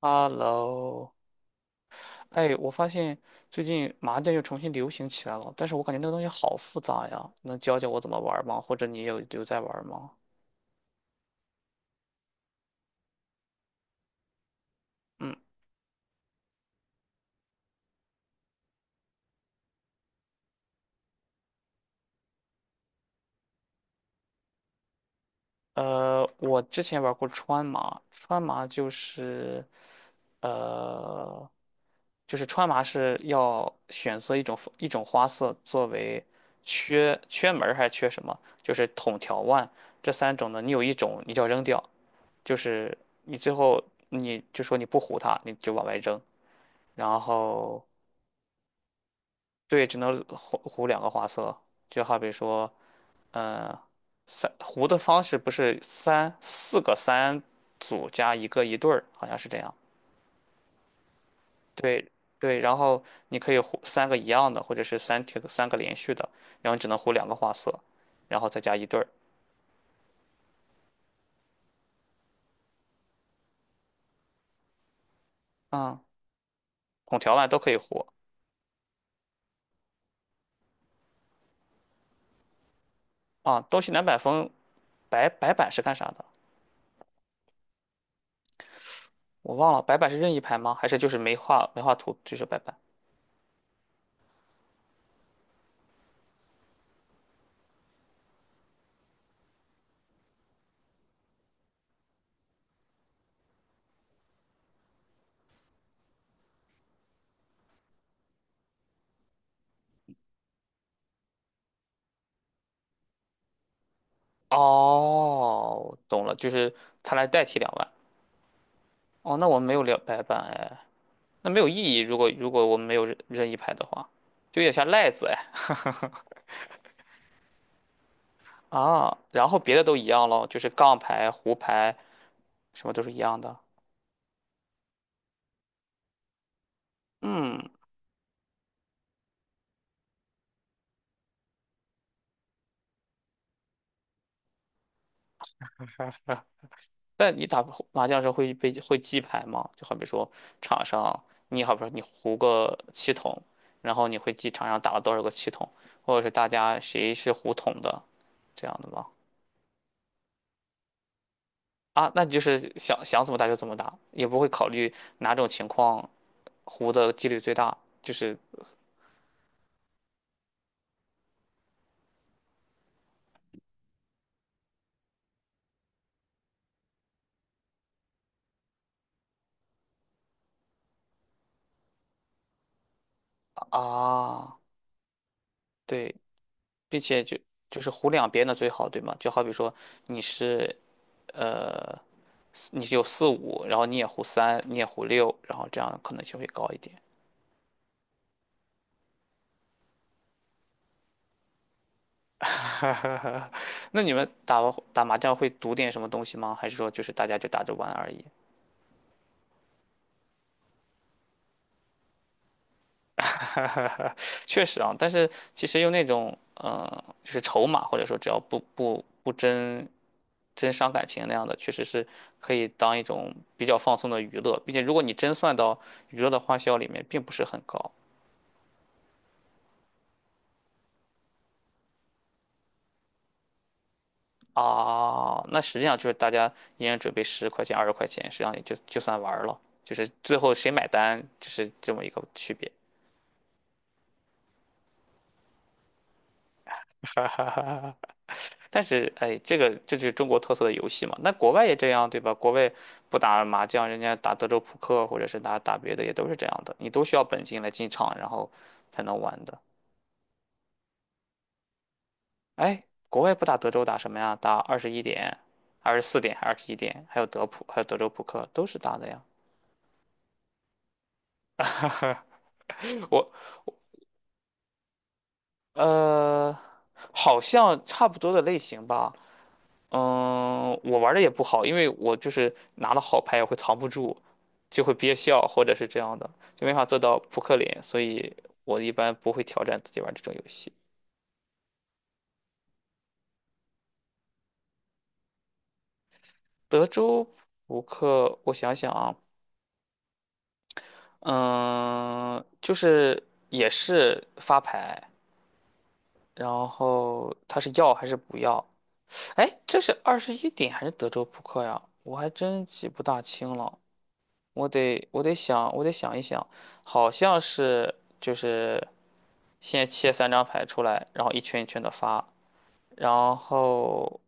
Hello，哎，我发现最近麻将又重新流行起来了，但是我感觉那个东西好复杂呀，能教教我怎么玩儿吗？或者你有在玩儿吗？嗯，我之前玩过川麻，川麻呃，就是川麻是要选择一种花色作为缺门儿还是缺什么，就是筒条腕这三种呢，你有一种你就要扔掉，就是你最后你就说你不胡它，你就往外扔。然后对，只能糊两个花色，就好比说，嗯，三糊的方式不是三四个三组加一个一对儿，好像是这样。对对，然后你可以糊三个一样的，或者是三条三个连续的，然后你只能糊两个花色，然后再加一对儿。啊、孔条碗都可以糊啊。东西南北风白板是干啥的？我忘了，白板是任意牌吗？还是就是没画图就是白板？哦，懂了，就是他来代替两万。哦，那我们没有两白板哎，那没有意义。如果我们没有任意牌的话，就有点像赖子哎。啊，然后别的都一样咯，就是杠牌、胡牌什么都是一样的。嗯，啊但你打麻将的时候会记牌吗？就好比说场上，你好比说你胡个七筒，然后你会记场上打了多少个七筒，或者是大家谁是胡筒的，这样的吗？啊，那你就是想想怎么打就怎么打，也不会考虑哪种情况胡的几率最大，就是啊，对，并且就是胡两边的最好，对吗？就好比说你是呃你是有四五，然后你也胡三，你也胡六，然后这样可能性会高一点。那你们打麻将会赌点什么东西吗？还是说就是大家就打着玩而已？确实啊，但是其实用那种就是筹码或者说只要不真伤感情那样的，确实是可以当一种比较放松的娱乐，并且如果你真算到娱乐的花销里面，并不是很高。啊，那实际上就是大家一人准备十块钱、20块钱，实际上也就算玩儿了，就是最后谁买单，就是这么一个区别。但是，哎，这就是中国特色的游戏嘛。那国外也这样，对吧？国外不打麻将，人家打德州扑克，或者是打打别的，也都是这样的。你都需要本金来进场，然后才能玩的。哎，国外不打德州，打什么呀？打二十一点、二十四点、二十一点，还有德普，还有德州扑克，都是打的呀。我呃，好像差不多的类型吧。嗯，我玩的也不好，因为我就是拿了好牌也会藏不住，就会憋笑或者是这样的，就没法做到扑克脸，所以我一般不会挑战自己玩这种游戏。德州扑克，我想想啊，嗯，就是也是发牌，然后他是要还是不要？哎，这是二十一点还是德州扑克呀？我还真记不大清了。我得想，我得想一想，好像是就是先切三张牌出来，然后一圈一圈的发，然后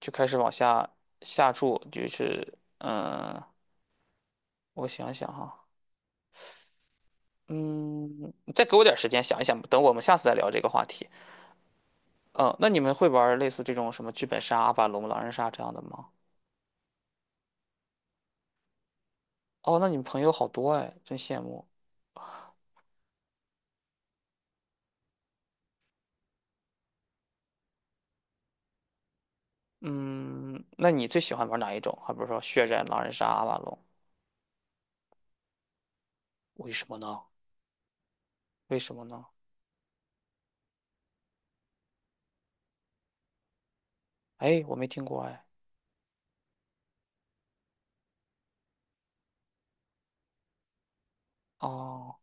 就开始往下下注，就是嗯，我想想哈，嗯，你再给我点时间想一想，等我们下次再聊这个话题。嗯，那你们会玩类似这种什么剧本杀、阿瓦隆、狼人杀这样的吗？哦，那你们朋友好多哎，真羡慕。嗯，那你最喜欢玩哪一种？还比如说血战、狼人杀、阿瓦隆？为什么呢？为什么呢？哎，我没听过哎。哦，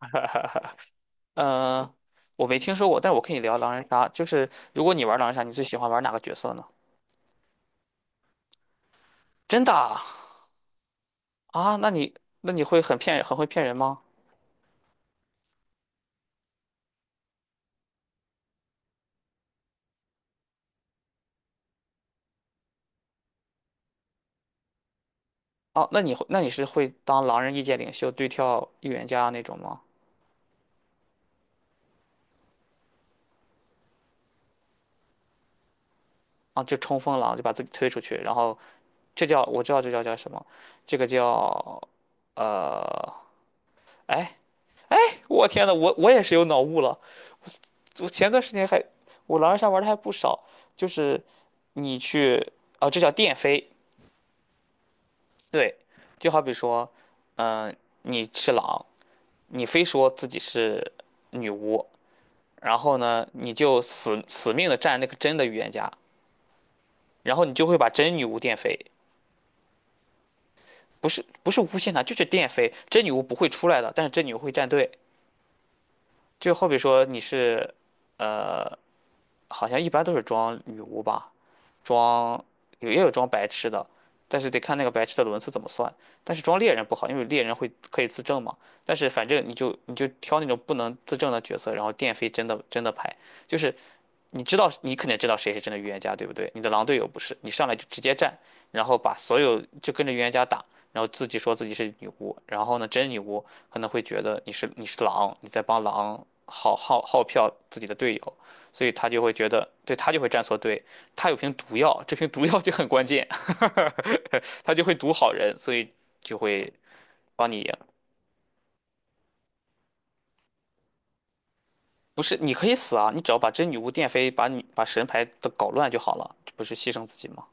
呃，我没听说过，但我可以聊狼人杀，就是如果你玩狼人杀，你最喜欢玩哪个角色呢？真的啊？啊那你会很会骗人吗？哦，那那你是会当狼人意见领袖对跳预言家那种吗？啊，就冲锋狼，就把自己推出去，然后我知道这叫什么，这个叫呃，哎。我天呐，我也是有脑雾了。我前段时间还，我狼人杀玩的还不少，就是你去，啊，这叫电飞，对，就好比说，嗯、你是狼，你非说自己是女巫，然后呢，你就死死命的站那个真的预言家，然后你就会把真女巫电飞，不是不是无限塔，就是电飞，真女巫不会出来的，但是真女巫会站队，就好比说你是，呃，好像一般都是装女巫吧。装有也有装白痴的，但是得看那个白痴的轮次怎么算。但是装猎人不好，因为猎人可以自证嘛。但是反正你就挑那种不能自证的角色，然后电飞真的牌，就是你知道，你肯定知道谁是真的预言家，对不对？你的狼队友不是，你上来就直接站，然后把所有就跟着预言家打，然后自己说自己是女巫，然后呢，真女巫可能会觉得你是狼，你在帮狼耗票自己的队友，所以他就会觉得，对他就会站错队，他有瓶毒药，这瓶毒药就很关键，他就会毒好人，所以就会帮你赢。不是，你可以死啊，你只要把真女巫电飞，把神牌都搞乱就好了，这不是牺牲自己吗？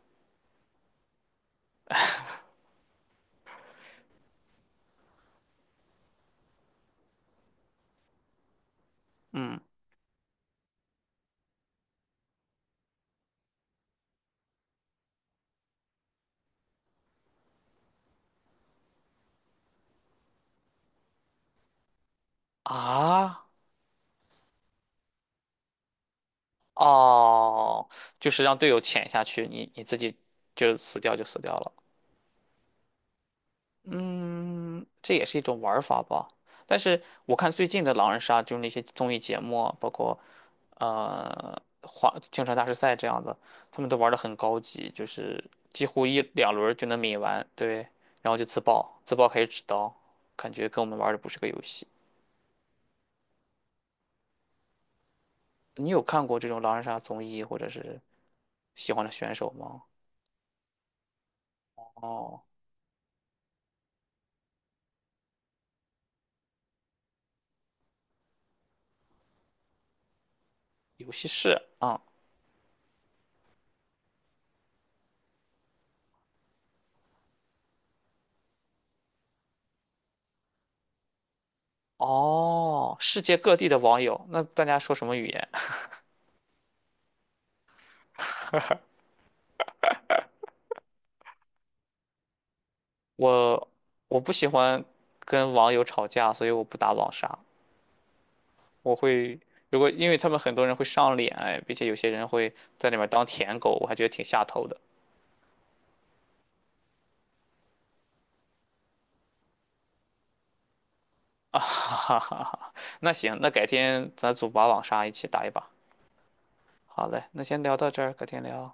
嗯。啊，哦，就是让队友潜下去，你自己就死掉就死掉了。嗯，这也是一种玩儿法吧。但是我看最近的狼人杀，就是那些综艺节目啊包括花京城大师赛这样的，他们都玩的很高级，就是几乎一两轮儿就能抿完，对，然后就自爆，自爆可以指刀，感觉跟我们玩儿的不是个游戏。你有看过这种狼人杀综艺或者是喜欢的选手吗？哦，游戏室啊。哦，世界各地的网友，那大家说什么语言？我我不喜欢跟网友吵架，所以我不打网杀。我会如果因为他们很多人会上脸，哎，并且有些人会在里面当舔狗，我还觉得挺下头的。啊哈哈哈哈！那行，那改天咱组把网杀一起打一把。好嘞，那先聊到这儿，改天聊。